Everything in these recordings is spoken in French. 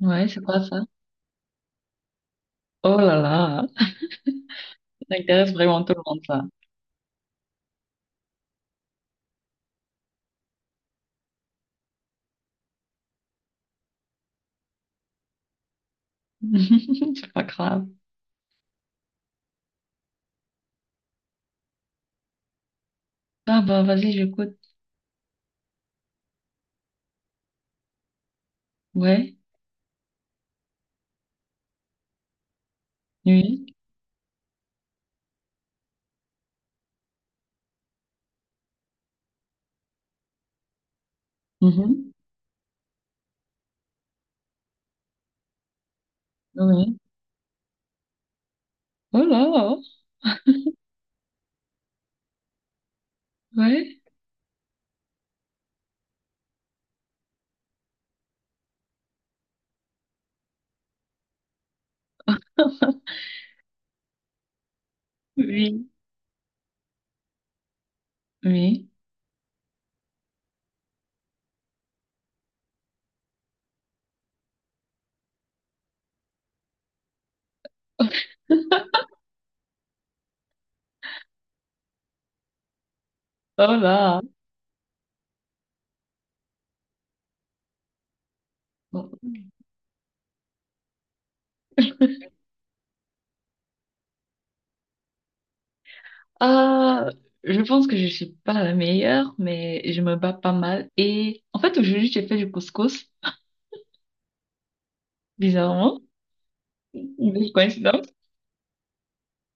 Ouais, c'est quoi ça? Oh là là, ça intéresse vraiment tout le monde, ça. C'est pas grave. Ah bah, vas-y, j'écoute. Ouais, oui, mhm, oui. Oh là, ouais, oui, oui. Oh là. Ah, je pense que je suis pas la meilleure, mais je me bats pas mal. Et en fait, aujourd'hui, j'ai fait du couscous, bizarrement. Une belle coïncidence.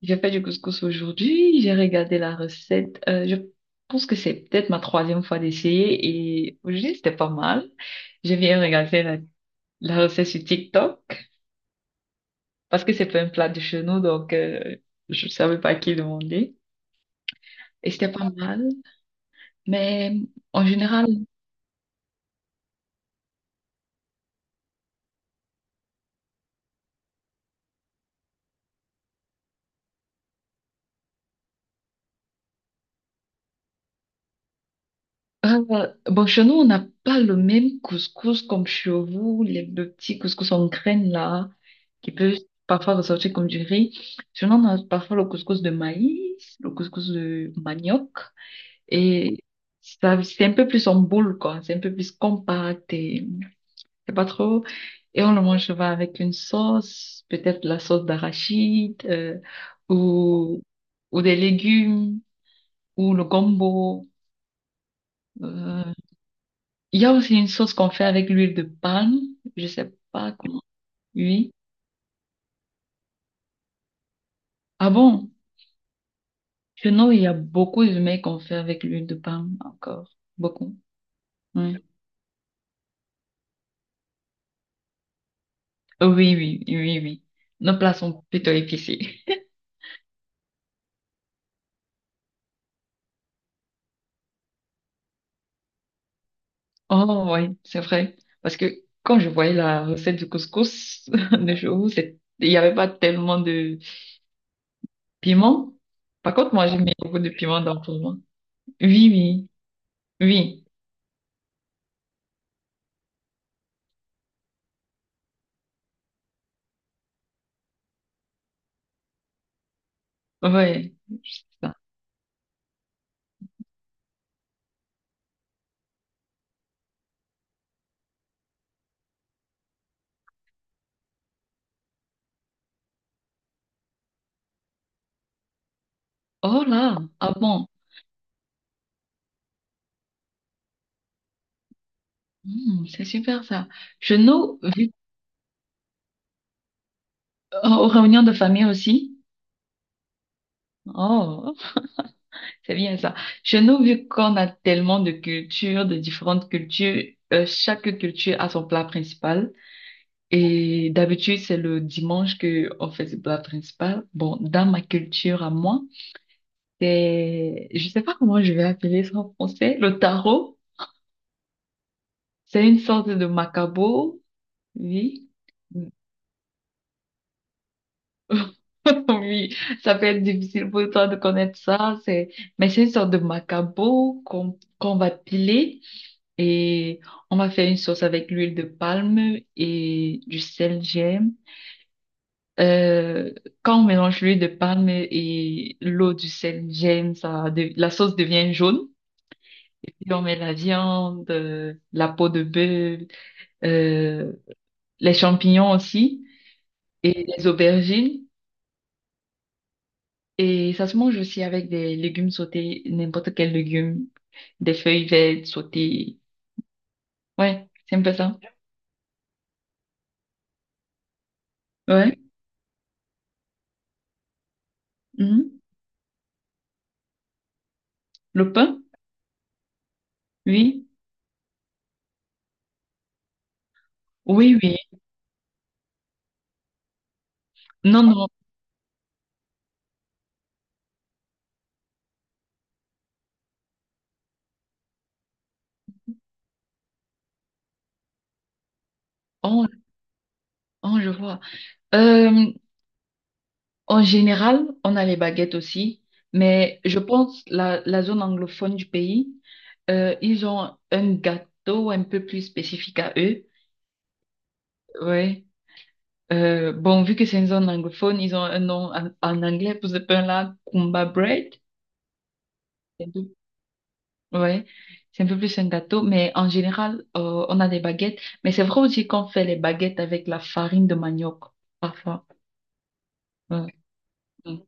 J'ai fait du couscous aujourd'hui, j'ai regardé la recette. Je pense que c'est peut-être ma troisième fois d'essayer et aujourd'hui c'était pas mal. J'ai bien regardé la recette sur TikTok parce que c'est pas un plat de chez nous donc je savais pas à qui demander et c'était pas mal. Mais en général. Bon, chez nous, on n'a pas le même couscous comme chez vous, le petit couscous en graines là, qui peut parfois ressortir comme du riz. Chez nous, on a parfois le couscous de maïs, le couscous de manioc, et ça, c'est un peu plus en boule, quoi. C'est un peu plus compact et c'est pas trop. Et on le mange souvent avec une sauce, peut-être la sauce d'arachide, ou, ou des légumes, ou le gombo. euh, Il y a aussi une sauce qu'on fait avec l'huile de palme. Je sais pas comment. Oui. Ah bon? Sinon, il y a beaucoup de mets qu'on fait avec l'huile de palme encore. Beaucoup. Oui. Oui, oui, oui, oui. Nos plats sont plutôt épicés. Oh oui, c'est vrai. Parce que quand je voyais la recette du couscous de chez vous, c'est- il n'y avait pas tellement de piment. Par contre, moi, j'ai mis beaucoup de piment dans tout le monde. Oui, oui, oui. Ouais. C'est ça. Oh là, ah bon. Hmm, c'est super ça. Chez nous, vu, aux réunions de famille aussi. Oh, c'est bien ça. Chez nous, vu qu'on a tellement de cultures, de différentes cultures, chaque culture a son plat principal. Et d'habitude, c'est le dimanche que on fait ce plat principal. Bon, dans ma culture à moi, c'est, je sais pas comment je vais appeler ça en français, le taro. C'est une sorte de macabo, oui. Oui, ça peut être difficile pour toi de connaître ça, c'est, mais c'est une sorte de macabo qu'on va piler et on va faire une sauce avec l'huile de palme et du sel gemme. Euh, Quand on mélange l'huile de palme et l'eau du sel gemme, ça, de- la sauce devient jaune. Et puis on met la viande, la peau de bœuf, euh, les champignons aussi et les aubergines. Et ça se mange aussi avec des légumes sautés, n'importe quel légume, des feuilles vertes sautées. Ouais, c'est un peu ça. Ouais. Mhm. Le pain? Oui. Oui, oui. Non, non. Oh, oh, je vois. Euh, En général, on a les baguettes aussi, mais je pense la zone anglophone du pays, ils ont un gâteau un peu plus spécifique à eux. Ouais. Bon, vu que c'est une zone anglophone, ils ont un nom en, en anglais pour ce pain-là, Kumba Bread. Ouais, c'est un peu plus un gâteau, mais en général, on a des baguettes. Mais c'est vrai aussi qu'on fait les baguettes avec la farine de manioc, parfois. Ouais. Mm.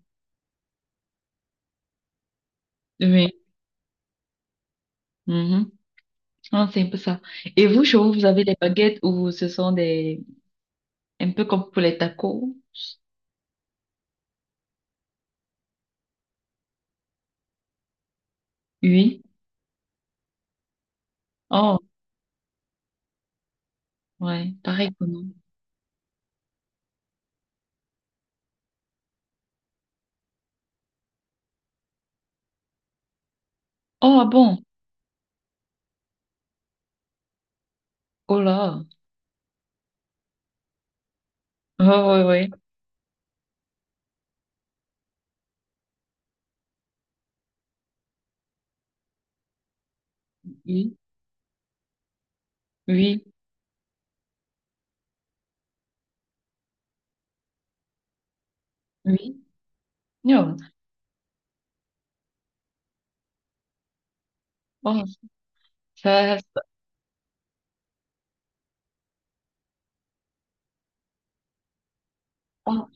Oui. Mhm. Non, c'est un peu ça. Et vous, chez vous, vous avez des baguettes ou ce sont des... un peu comme pour les tacos? Oui. Oh, ouais, pareil que nous. Oh, ah bon? Oh là. Oh, ouais, ouais. Oui, oui, oui. Non. Oh, ça... ça- oh,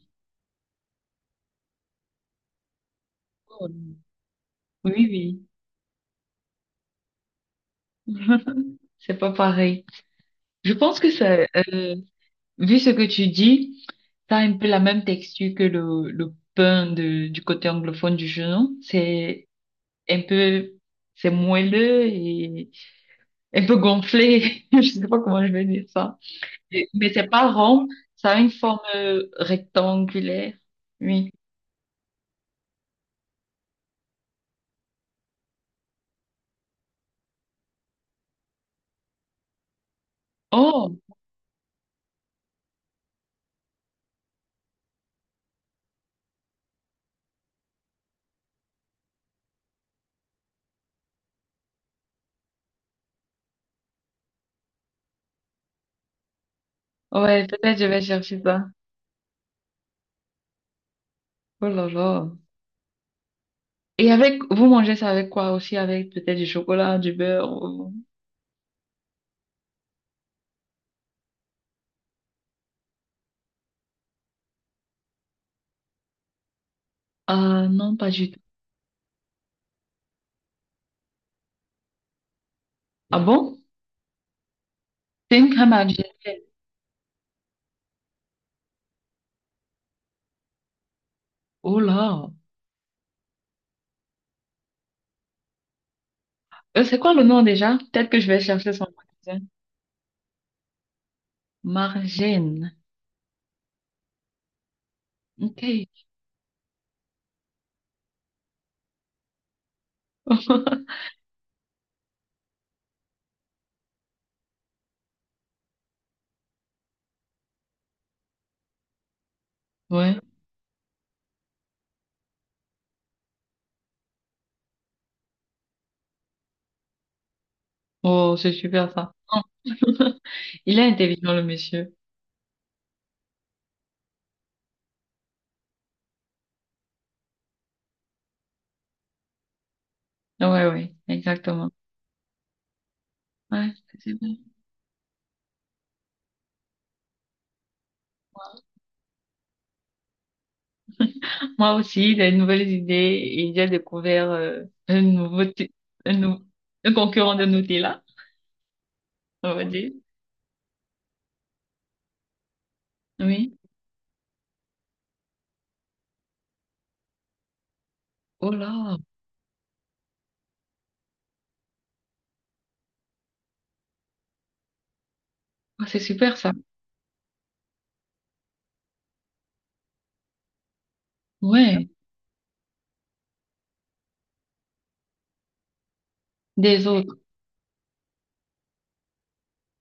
oh. Oui, oui. C'est pas pareil. Je pense que ça, vu ce que tu dis, ça a un peu la même texture que le pain de, du côté anglophone du genou. C'est un peu, c'est moelleux et un peu gonflé. Je sais pas comment je vais dire ça. Et- Mais c'est pas rond, ça a une forme rectangulaire. Oui. Oh, ouais, peut-être je vais chercher ça. Oh là là. Et avec, vous mangez ça avec quoi aussi? Avec peut-être du chocolat, du beurre? Ou- Ah non, pas du tout. Ah bon? C'est une crème à gel. Oh là. C'est quoi le nom déjà? Peut-être que je vais chercher son magasin. Margène. Ok. Ouais. Oh, c'est super ça. Oh. Il est intelligent, le monsieur. Ouais, ouais, exactement. Ouais, c'est bon. Moi aussi, des nouvelles idées et j'ai découvert un nouveau, ti- un nou- un concurrent de Nutella, on va dire. Oui. Oh là. Ah, c'est super ça. Ouais. Des autres.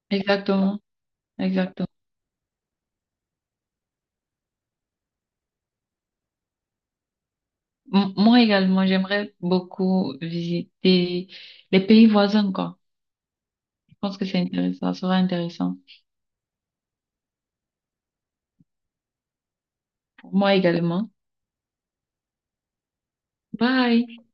Exactement. Exactement. M- Moi également, j'aimerais beaucoup visiter les pays voisins, quoi. Je pense que c'est intéressant, ça sera intéressant. Pour moi également. Bye!